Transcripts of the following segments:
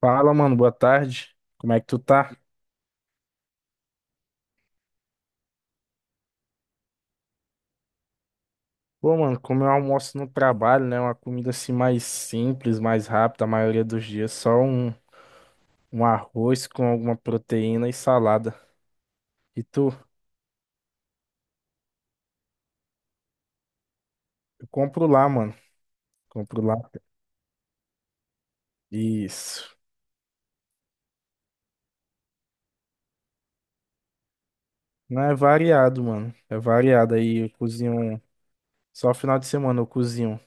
Fala, mano, boa tarde. Como é que tu tá? Pô, mano, como eu almoço no trabalho, né? Uma comida assim mais simples, mais rápida, a maioria dos dias. Um arroz com alguma proteína e salada. E tu? Eu compro lá, mano. Compro lá. Isso. Não é variado, mano. É variado. Aí eu cozinho. Só final de semana eu cozinho.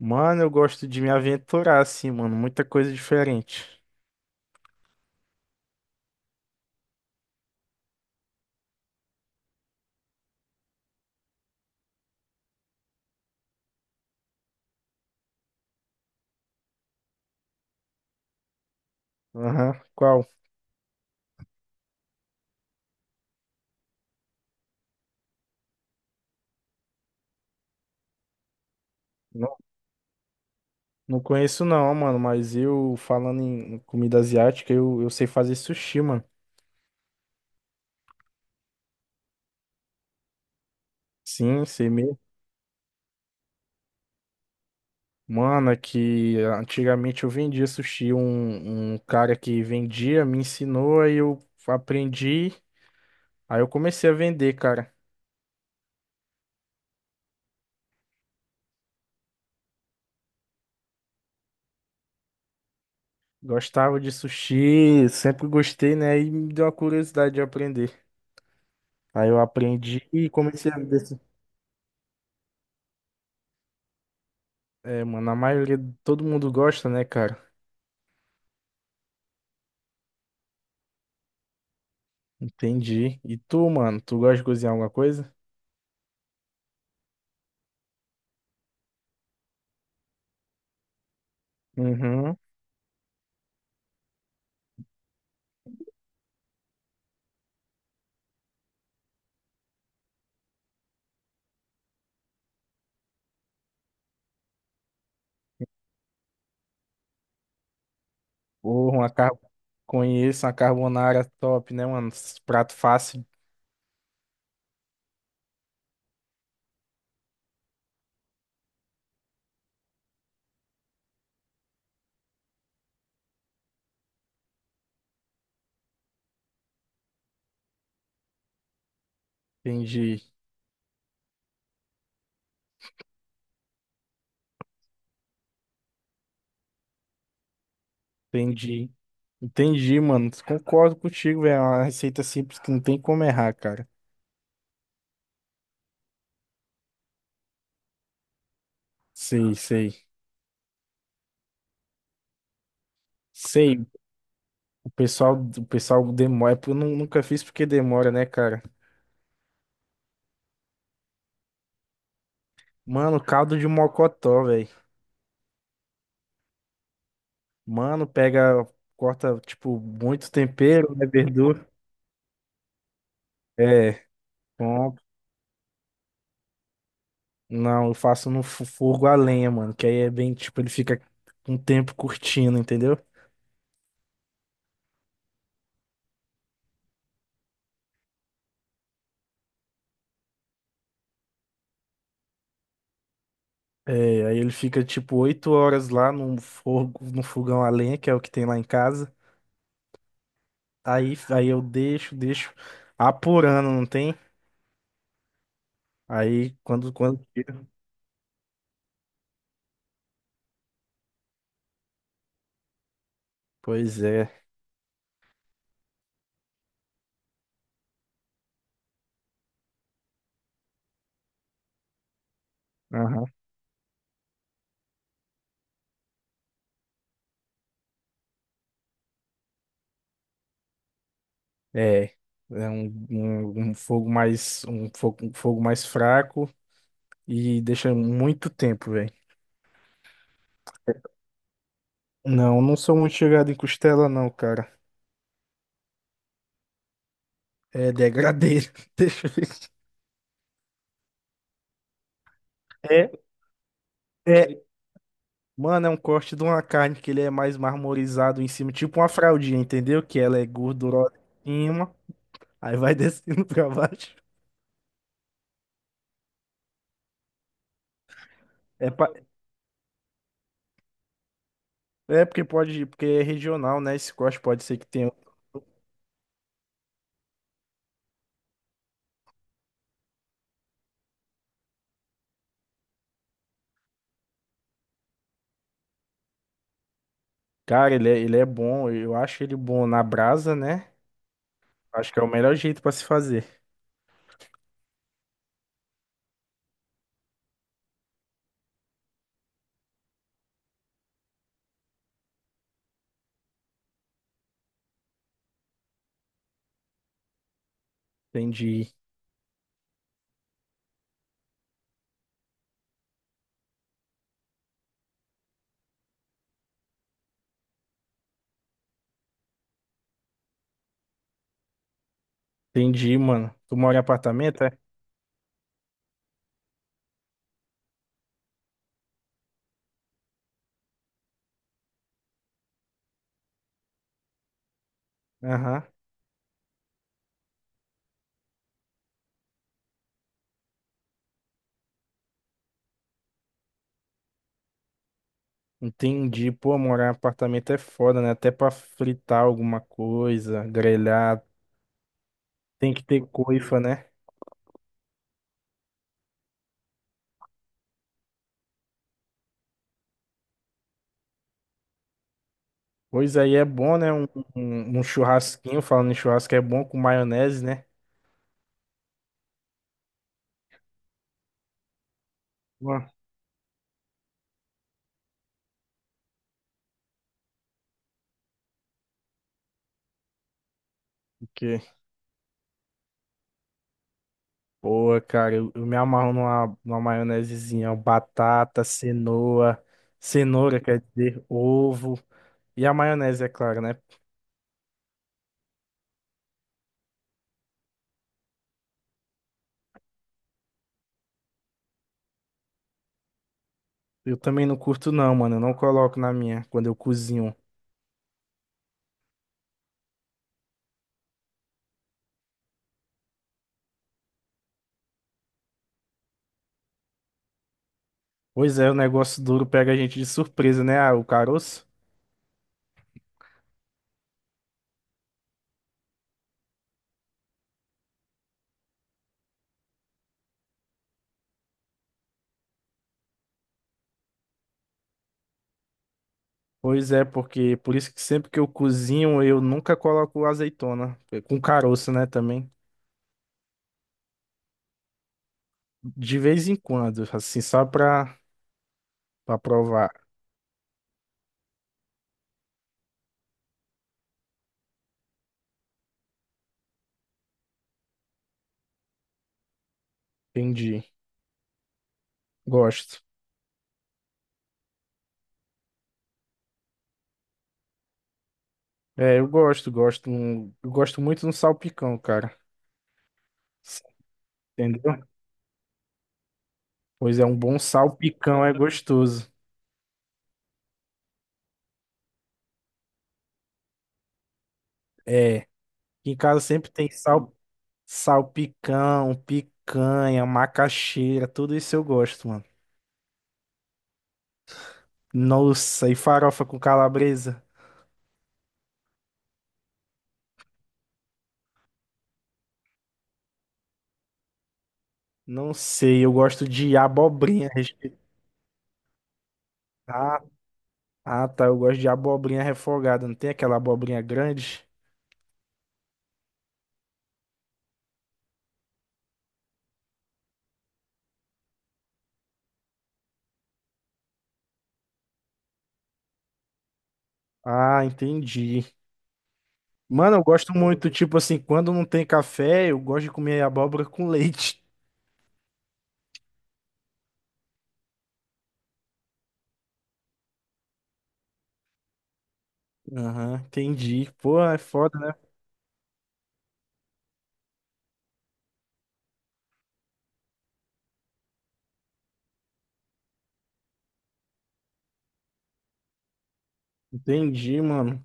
Mano, eu gosto de me aventurar assim, mano. Muita coisa diferente. Aham. Qual? Não conheço não, mano, mas eu falando em comida asiática, eu sei fazer sushi, mano. Sim, sei mesmo. Mano, é que antigamente eu vendia sushi, um cara que vendia me ensinou, aí eu aprendi, aí eu comecei a vender, cara. Gostava de sushi, sempre gostei, né? E me deu a curiosidade de aprender. Aí eu aprendi e comecei a vender. É, mano, a maioria, todo mundo gosta, né, cara? Entendi. E tu, mano, tu gosta de cozinhar alguma coisa? Uhum. Porra, uma conheço uma carbonara top, né, mano? Esses prato fácil. Entendi, entendi. Entendi, mano. Concordo contigo, velho. É uma receita simples que não tem como errar, cara. Sei, sei. Sei, o pessoal demora. Eu nunca fiz porque demora, né, cara? Mano, caldo de mocotó, velho. Mano, pega, corta, tipo, muito tempero, né, verdura. É, não, eu faço no fogo a lenha, mano. Que aí é bem, tipo, ele fica um tempo curtindo, entendeu? É, aí ele fica tipo 8 horas lá no fogo, no fogão a lenha, que é o que tem lá em casa. Aí eu deixo apurando, não tem? Aí quando tira. Pois é. Aham. É. É um, um, um fogo mais fraco e deixa muito tempo, velho. Não, não sou muito chegado em costela, não, cara. É degradê. Deixa eu ver. É, é, mano, é um corte de uma carne que ele é mais marmorizado em cima, tipo uma fraldinha, entendeu? Que ela é gordurosa em cima, aí vai descendo pra baixo. É, pa- é porque pode, porque é regional, né? Esse corte pode ser que tenha. Cara, ele é bom, eu acho ele bom na brasa, né? Acho que é o melhor jeito pra se fazer. Entendi, entendi, mano. Tu mora em apartamento, é? Aham, entendi. Pô, morar em apartamento é foda, né? Até pra fritar alguma coisa, grelhar, tem que ter coifa, né? Pois aí é bom, né? Um churrasquinho, falando em churrasco, é bom com maionese, né? Ué, porque, pô, cara, eu me amarro numa maionesezinha, ó, batata, cenoura, quer dizer, ovo. E a maionese, é claro, né? Eu também não curto, não, mano. Eu não coloco na minha quando eu cozinho. Pois é, o negócio duro pega a gente de surpresa, né? Ah, o caroço. Pois é, porque por isso que sempre que eu cozinho, eu nunca coloco azeitona. Com caroço, né, também. De vez em quando, assim, pra provar. Entendi. Gosto. É, eu gosto, gosto. Eu gosto muito no salpicão, cara. Entendeu? Pois é, um bom salpicão é gostoso. É. Aqui em casa sempre tem salpicão, picanha, macaxeira, tudo isso eu gosto, mano. Nossa, e farofa com calabresa? Não sei, eu gosto de abobrinha. Ah, ah, tá, eu gosto de abobrinha refogada. Não tem aquela abobrinha grande? Ah, entendi. Mano, eu gosto muito, tipo assim, quando não tem café, eu gosto de comer abóbora com leite. Aham, entendi. Pô, é foda, né? Entendi, mano.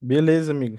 Beleza, amigo.